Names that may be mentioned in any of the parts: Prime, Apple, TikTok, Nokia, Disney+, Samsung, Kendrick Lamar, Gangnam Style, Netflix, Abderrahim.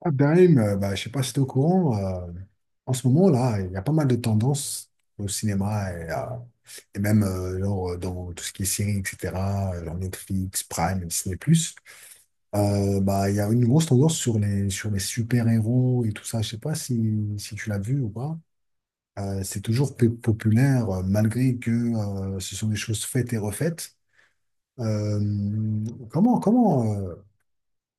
Abderrahim, je sais pas si tu es au courant. En ce moment là, il y a pas mal de tendances au cinéma et même dans tout ce qui est séries, etc., genre Netflix, Prime, Disney+. Il y a une grosse tendance sur sur les super-héros et tout ça. Je sais pas si tu l'as vu ou pas. C'est toujours populaire malgré que ce sont des choses faites et refaites. Euh, comment, comment, euh,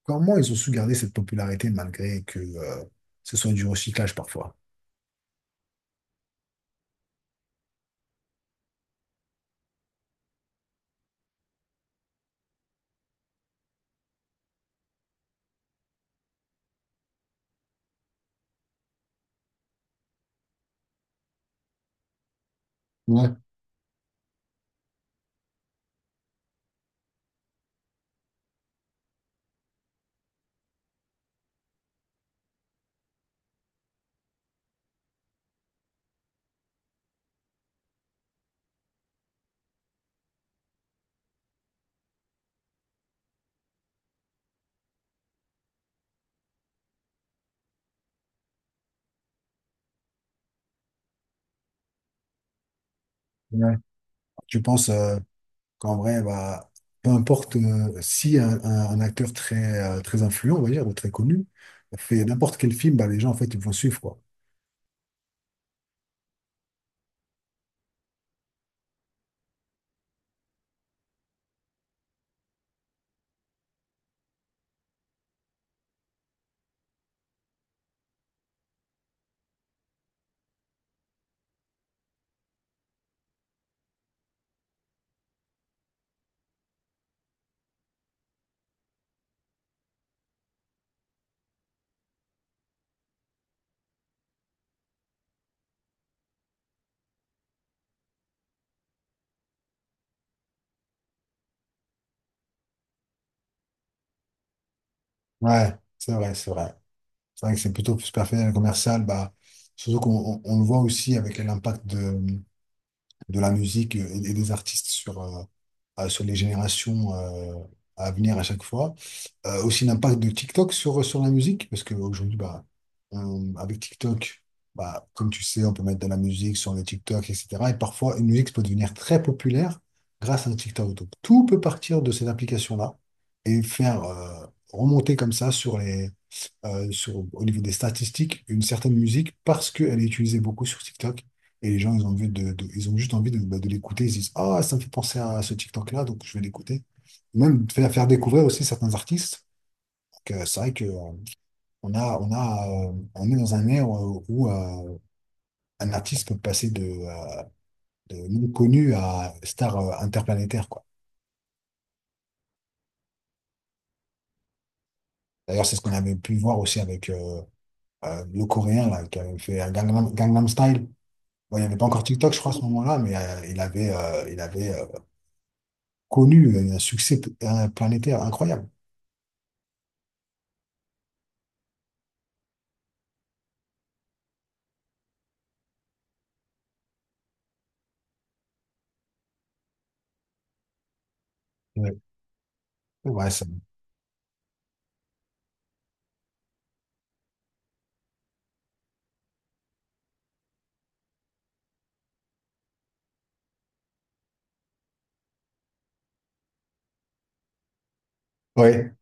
Comment ils ont su garder cette popularité malgré que ce soit du recyclage parfois? Ouais. Ouais. Tu penses, qu'en vrai, bah, peu importe si un acteur très influent, on va dire, ou très connu, fait n'importe quel film, bah, les gens, en fait, ils vont suivre, quoi. Ouais, c'est vrai, c'est vrai. C'est vrai que c'est plutôt plus personnel et commercial, bah, surtout qu'on on le voit aussi avec l'impact de la musique et des artistes sur, sur les générations à venir à chaque fois. Aussi l'impact de TikTok sur, sur la musique, parce qu'aujourd'hui, bah, avec TikTok, bah, comme tu sais, on peut mettre de la musique sur le TikTok, etc. Et parfois, une musique peut devenir très populaire grâce à un TikTok. Donc, tout peut partir de cette application-là et faire remonter comme ça sur sur, au niveau des statistiques, une certaine musique parce qu'elle est utilisée beaucoup sur TikTok. Et les gens, ils ont juste envie de, bah, de l'écouter. Ils se disent, ah, ça me fait penser à ce TikTok-là, donc je vais l'écouter. Même faire découvrir aussi certains artistes. Donc, c'est vrai que, on a, on est dans un ère où un artiste peut passer de non connu à star interplanétaire, quoi. D'ailleurs, c'est ce qu'on avait pu voir aussi avec le Coréen là, qui avait fait un Gangnam Style. Bon, il n'y avait pas encore TikTok, je crois, à ce moment-là, mais il avait connu un succès un planétaire incroyable. Ouais. Ouais, ça- ouais.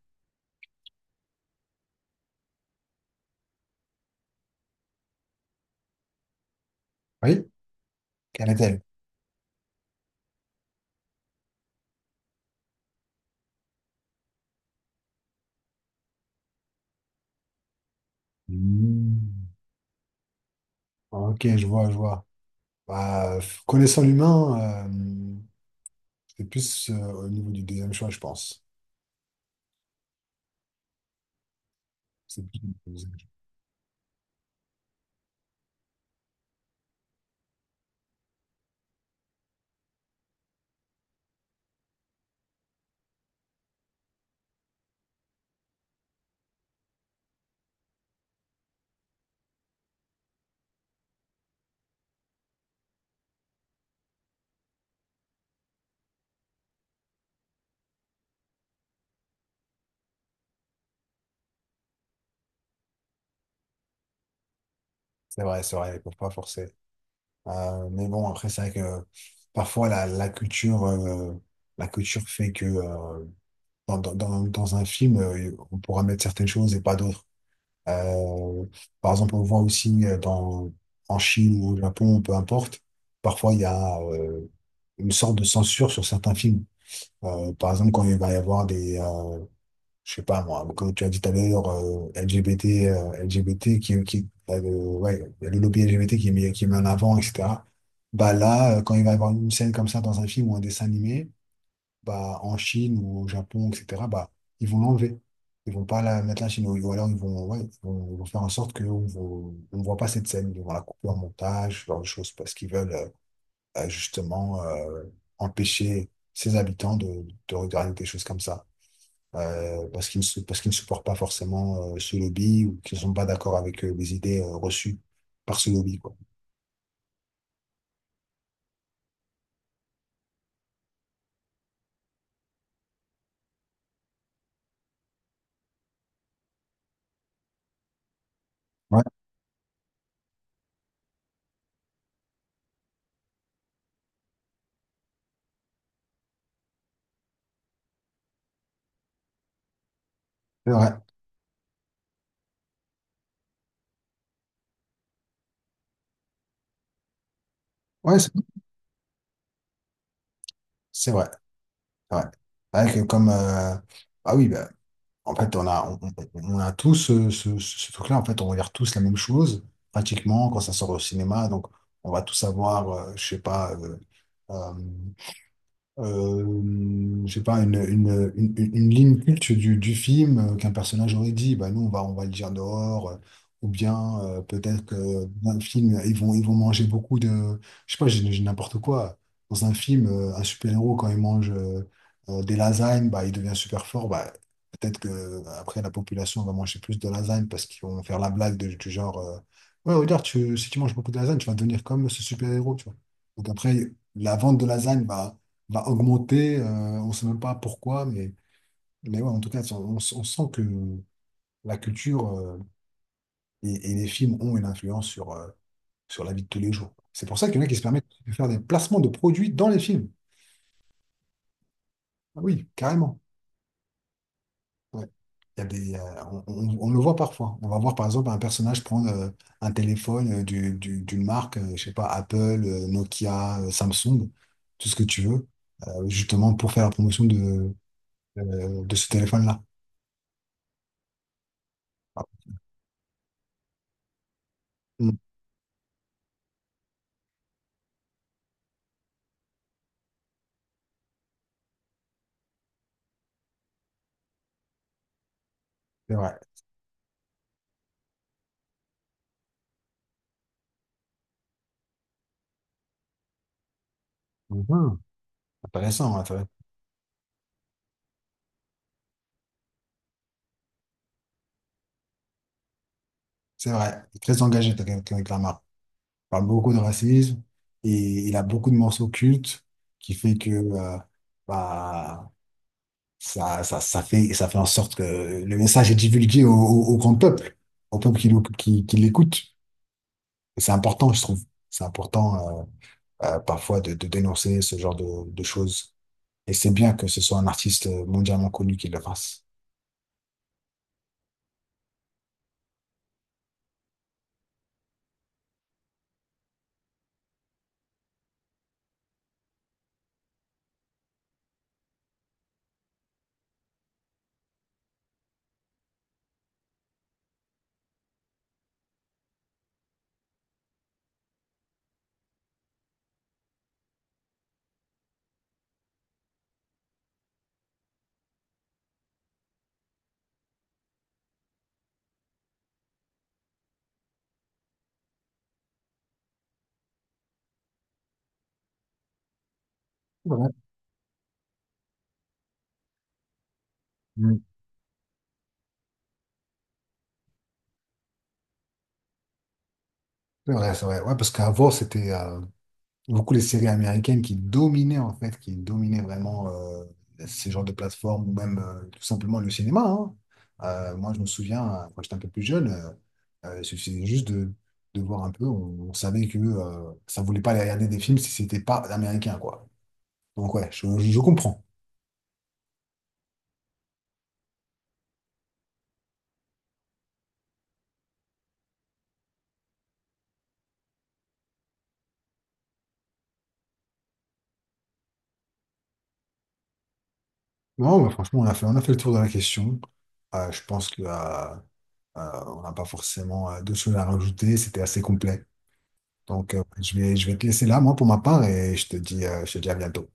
Oui, quelle est-elle? Hmm. Ok, je vois, je vois. Bah, connaissant l'humain, c'est plus au niveau du deuxième choix, je pense. C'est plus- c'est vrai, ils peuvent pas forcer. Mais bon, après, c'est vrai que parfois, la culture fait que dans un film, on pourra mettre certaines choses et pas d'autres. Euh, Par exemple, on voit aussi en Chine ou au Japon, peu importe, parfois il y a une sorte de censure sur certains films. Par exemple, quand il va y avoir je sais pas moi, comme tu as dit tout à l'heure, LGBT, LGBT ouais, il y a le lobby LGBT qui est qui est mis en avant, etc. Bah là, quand il va y avoir une scène comme ça dans un film ou un dessin animé, bah, en Chine ou au Japon, etc., bah, ils vont l'enlever. Ils vont pas la mettre là chez nous ou alors ils vont, ouais, ils vont faire en sorte qu'on ne voit pas cette scène. Ils vont la couper en montage, ce genre de choses, parce qu'ils veulent justement empêcher ses habitants de regarder des choses comme ça. Parce qu'ils ne, parce qu'ils ne supportent pas forcément ce lobby ou qu'ils ne sont pas d'accord avec les idées reçues par ce lobby, quoi. Ouais, c'est vrai. Ouais, c'est vrai. C'est vrai. C'est vrai que comme... ah oui, bah, en fait, on a, on, on- a tous ce truc-là. En fait, on regarde tous la même chose, pratiquement, quand ça sort au cinéma. Donc, on va tous avoir, euh, je sais pas, une ligne culte du film qu'un personnage aurait dit, bah nous on va le dire dehors, ou bien peut-être que dans un film, ils vont manger beaucoup de. Je sais pas, j'ai n'importe quoi. Dans un film, un super-héros, quand il mange des lasagnes, bah, il devient super fort. Bah, peut-être que après la population va manger plus de lasagnes parce qu'ils vont faire la blague du genre ouais, regarde, tu, si tu manges beaucoup de lasagnes, tu vas devenir comme ce super-héros, tu vois. Donc après, la vente de lasagne va va augmenter. On ne sait même pas pourquoi, mais ouais, en tout cas, si on, on sent que la culture et les films ont une influence sur la vie de tous les jours. C'est pour ça qu'il y en a qui se permettent de faire des placements de produits dans les films. Ah oui, carrément. Ouais. Il y a des, on le voit parfois. On va voir par exemple un personnage prendre un téléphone d'une marque, je sais pas, Apple, Nokia, Samsung, tout ce que tu veux, justement pour faire la promotion de ce téléphone-là. Ah, mm, c'est vrai. Mhm. Intéressant, intéressant. C'est vrai. Il est très engagé, Kendrick Lamar. Il parle beaucoup de racisme et il a beaucoup de morceaux cultes qui fait que bah, ça fait en sorte que le message est divulgué au grand peuple, au peuple qui l'écoute. Et c'est important, je trouve. C'est important parfois de dénoncer ce genre de choses. Et c'est bien que ce soit un artiste mondialement connu qui le fasse. C'est mm. C'est vrai, c'est vrai. Ouais, parce qu'avant, c'était beaucoup les séries américaines qui dominaient en fait, qui dominaient vraiment ces genres de plateformes ou même tout simplement le cinéma, hein. Moi, je me souviens, quand j'étais un peu plus jeune, il suffisait juste de voir un peu. On savait que ça voulait pas aller regarder des films si c'était pas américain, quoi. Donc ouais, je comprends. Non, mais franchement, on a fait le tour de la question. Je pense que on n'a pas forcément d'autres choses à rajouter. C'était assez complet. Donc, je vais te laisser là, moi, pour ma part, et je te dis à bientôt.